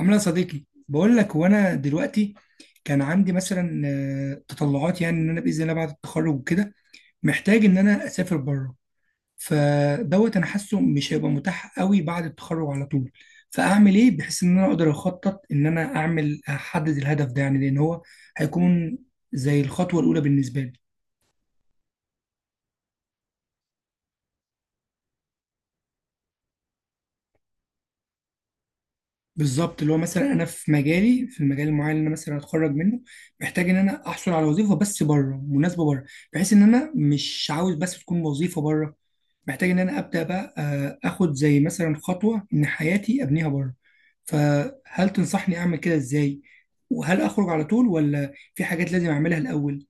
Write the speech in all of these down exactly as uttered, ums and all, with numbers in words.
عامله يا صديقي، بقول لك وانا دلوقتي كان عندي مثلا آه، تطلعات، يعني ان انا باذن الله بعد التخرج وكده محتاج ان انا اسافر بره. فدوت انا حاسه مش هيبقى متاح قوي بعد التخرج على طول. فاعمل ايه بحيث ان انا اقدر اخطط، ان انا اعمل احدد الهدف ده؟ يعني لان هو هيكون زي الخطوه الاولى بالنسبه لي. بالظبط اللي هو مثلا انا في مجالي، في المجال المعين اللي انا مثلا هتخرج منه، محتاج ان انا احصل على وظيفه بس بره، مناسبه بره. بحيث ان انا مش عاوز بس تكون وظيفه بره، محتاج ان انا ابدا بقى آه، اخد زي مثلا خطوه ان حياتي ابنيها بره. فهل تنصحني اعمل كده ازاي؟ وهل اخرج على طول ولا في حاجات لازم اعملها الاول؟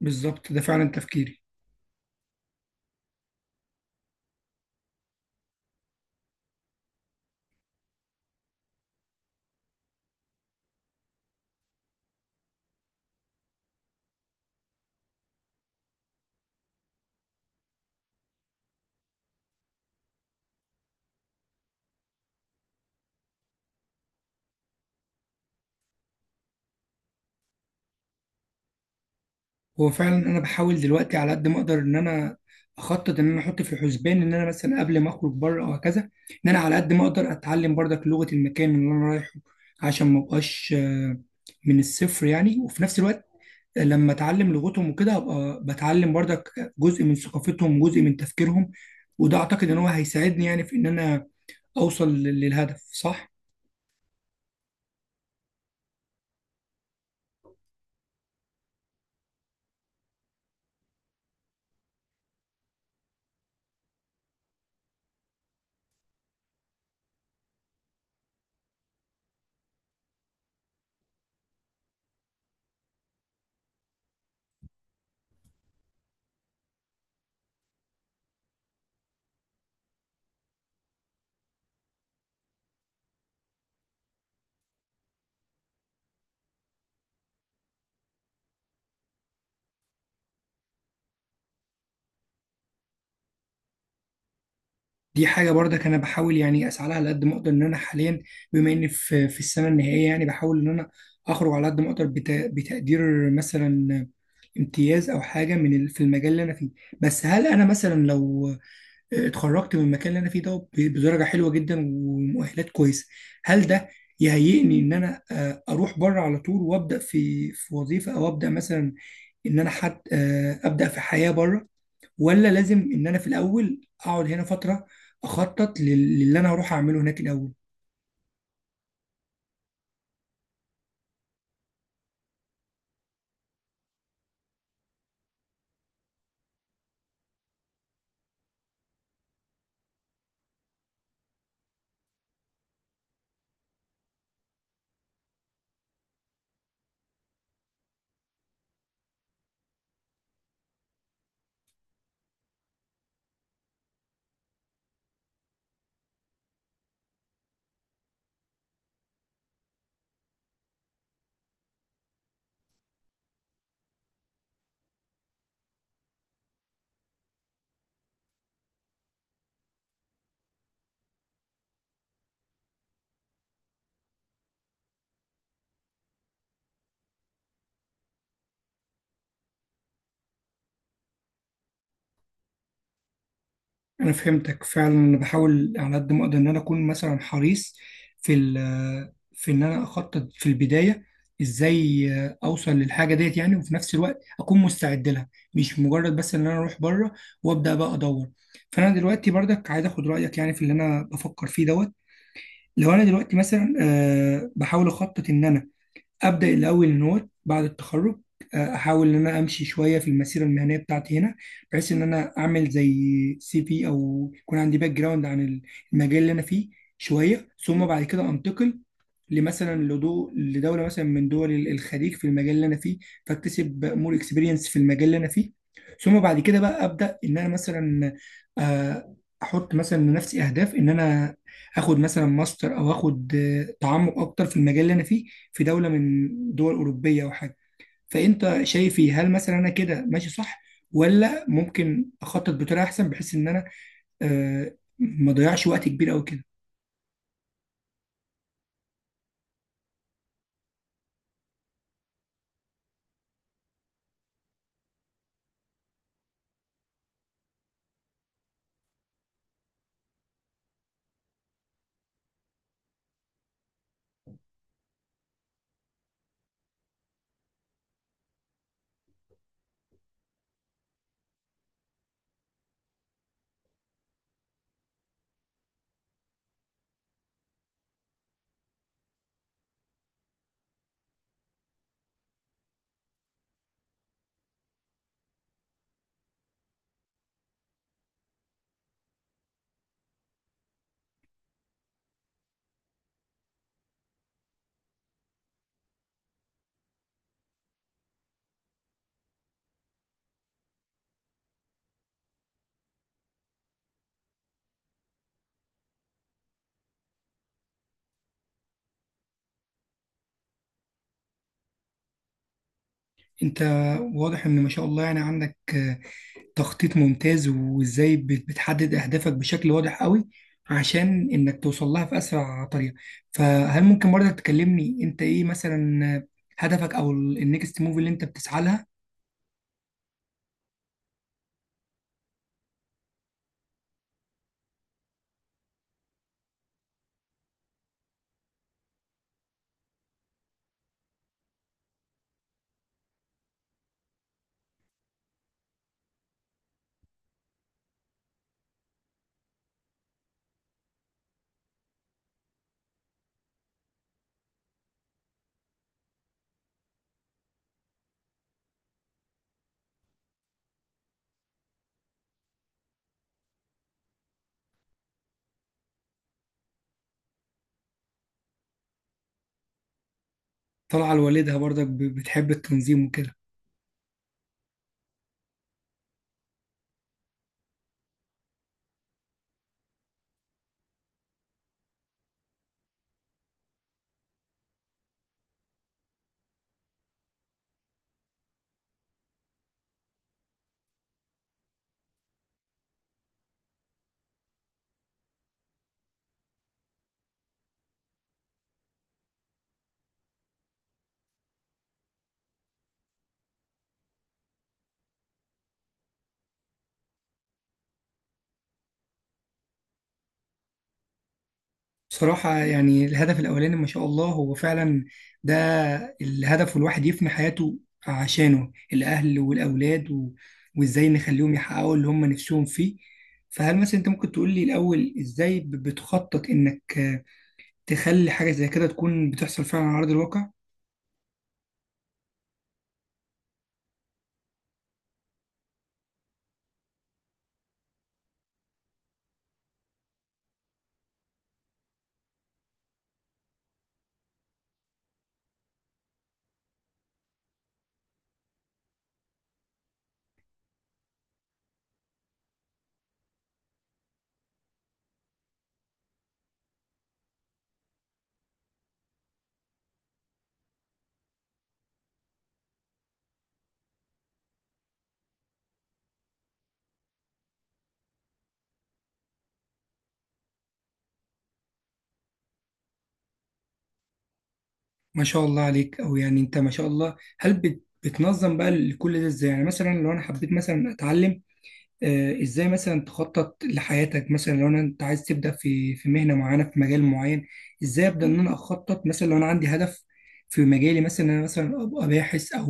بالظبط ده فعلا تفكيري. هو فعلا انا بحاول دلوقتي على قد ما اقدر ان انا اخطط، ان انا احط في حسبان ان انا مثلا قبل ما اخرج بره او هكذا، ان انا على قد ما اقدر اتعلم برضك لغه المكان اللي انا رايحه، عشان ما ابقاش آه، من الصفر يعني. وفي نفس الوقت آه، لما اتعلم لغتهم وكده ابقى بتعلم برضك جزء من ثقافتهم وجزء من تفكيرهم. وده اعتقد ان هو هيساعدني يعني في ان انا اوصل لل- للهدف صح. دي حاجة برضك أنا بحاول يعني أسعى لها على قد ما أقدر. إن أنا حاليا بما إني في في السنة النهائية يعني بحاول إن أنا أخرج على قد ما أقدر بت- بتقدير مثلا امتياز أو حاجة من ال- في المجال اللي أنا فيه. بس هل أنا مثلا لو اتخرجت من المكان اللي أنا فيه ده ب- بدرجة حلوة جدا ومؤهلات كويسة، هل ده يهيئني إن أنا آه، أروح بره على طول وأبدأ في في وظيفة؟ أو أبدأ مثلا إن أنا حد، آه، أبدأ في حياة بره؟ ولا لازم ان انا في الاول اقعد هنا فتره اخطط لل- للي انا هروح اعمله هناك الاول؟ انا فهمتك فعلا. انا بحاول على قد ما اقدر ان انا اكون مثلا حريص في ال- في ان انا اخطط في البدايه ازاي اوصل للحاجه ديت، يعني وفي نفس الوقت اكون مستعد لها، مش مجرد بس ان انا اروح بره وابدا بقى ادور. فانا دلوقتي برضك عايز اخد رايك يعني في اللي انا بفكر فيه دوت. لو انا دلوقتي مثلا آه، بحاول اخطط ان انا ابدا الاول ان هو بعد التخرج، آه، احاول ان انا امشي شويه في المسيره المهنيه بتاعتي هنا، بحيث ان انا اعمل زي سي في، او يكون عندي باك جراوند عن المجال اللي انا فيه شويه. ثم بعد كده انتقل لمثلا لدو لدوله مثلا من دول الخليج في المجال اللي انا فيه، فاكتسب مور اكسبيرينس في المجال اللي انا فيه. ثم بعد كده بقى ابدا ان انا مثلا آه، احط مثلا لنفسي اهداف ان انا اخد مثلا ماستر او اخد آه، تعمق اكتر في المجال اللي انا فيه في دولة من دول أوروبية أو حاجة. فأنت شايفي هل مثلا أنا كده ماشي صح؟ ولا ممكن أخطط بطريقة أحسن بحيث إن أنا آه، ما أضيعش وقت كبير أوي كده؟ أنت واضح إن ما شاء الله يعني عندك آه، تخطيط ممتاز، وإزاي بت- بتحدد أهدافك بشكل واضح أوي عشان إنك توصل لها في أسرع طريقة. فهل ممكن برضك تكلمني أنت إيه مثلا آه، هدفك أو النكست موف اللي أنت بتسعى لها؟ طالعة لوالدها برضك، ب- بتحب التنظيم وكده. بصراحة يعني الهدف الأولاني ما شاء الله هو فعلا ده الهدف، والواحد يفني حياته عشانه، الأهل والأولاد و... وإزاي نخليهم يحققوا اللي هم نفسهم فيه. فهل مثلا أنت ممكن تقول لي الأول إزاي ب- بتخطط إنك آه، تخلي حاجة زي كده تكون بتحصل فعلا على أرض الواقع؟ ما شاء الله عليك. أو يعني أنت ما شاء الله هل بت... بتنظم بقى كل ده إزاي؟ يعني مثلا لو أنا حبيت مثلا أتعلم آه، ازاي مثلا تخطط لحياتك، مثلا لو انا انت عايز تبدا في في مهنه معينه في مجال معين، ازاي ابدا ان انا اخطط مثلا لو انا عندي هدف في مجالي مثلا إن انا مثلا ابقى باحث او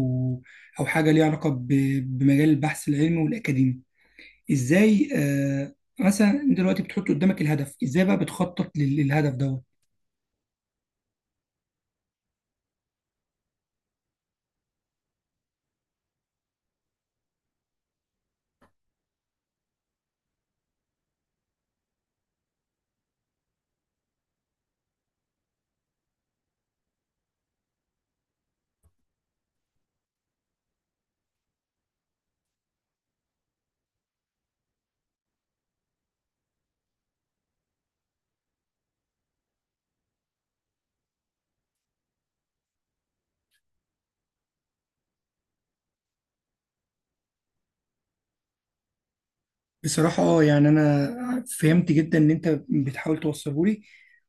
او حاجه ليها علاقه ب- بمجال البحث العلمي والاكاديمي؟ ازاي آه، مثلا دلوقتي بتحط قدامك الهدف، ازاي بقى بتخطط لل- للهدف دوت؟ بصراحه اه، يعني انا فهمت جدا ان انت بتحاول توصله لي،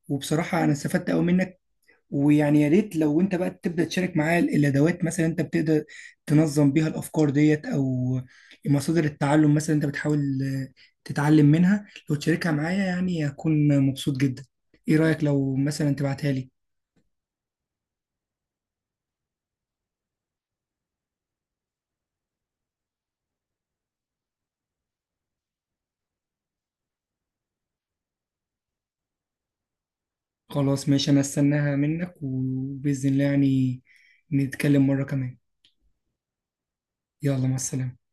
وبصراحه انا استفدت قوي منك. ويعني يا ريت لو انت بقى تبدا تشارك معاه ال- الادوات مثلا انت بتقدر تنظم بيها الافكار ديت، او مصادر التعلم مثلا انت بتحاول آه، تتعلم منها. لو تشاركها معايا يعني هكون مبسوط جدا. ايه رايك لو مثلا تبعتها لي؟ خلاص ماشي، انا استناها منك، وباذن الله يعني نتكلم مره كمان. يلا مع السلامه.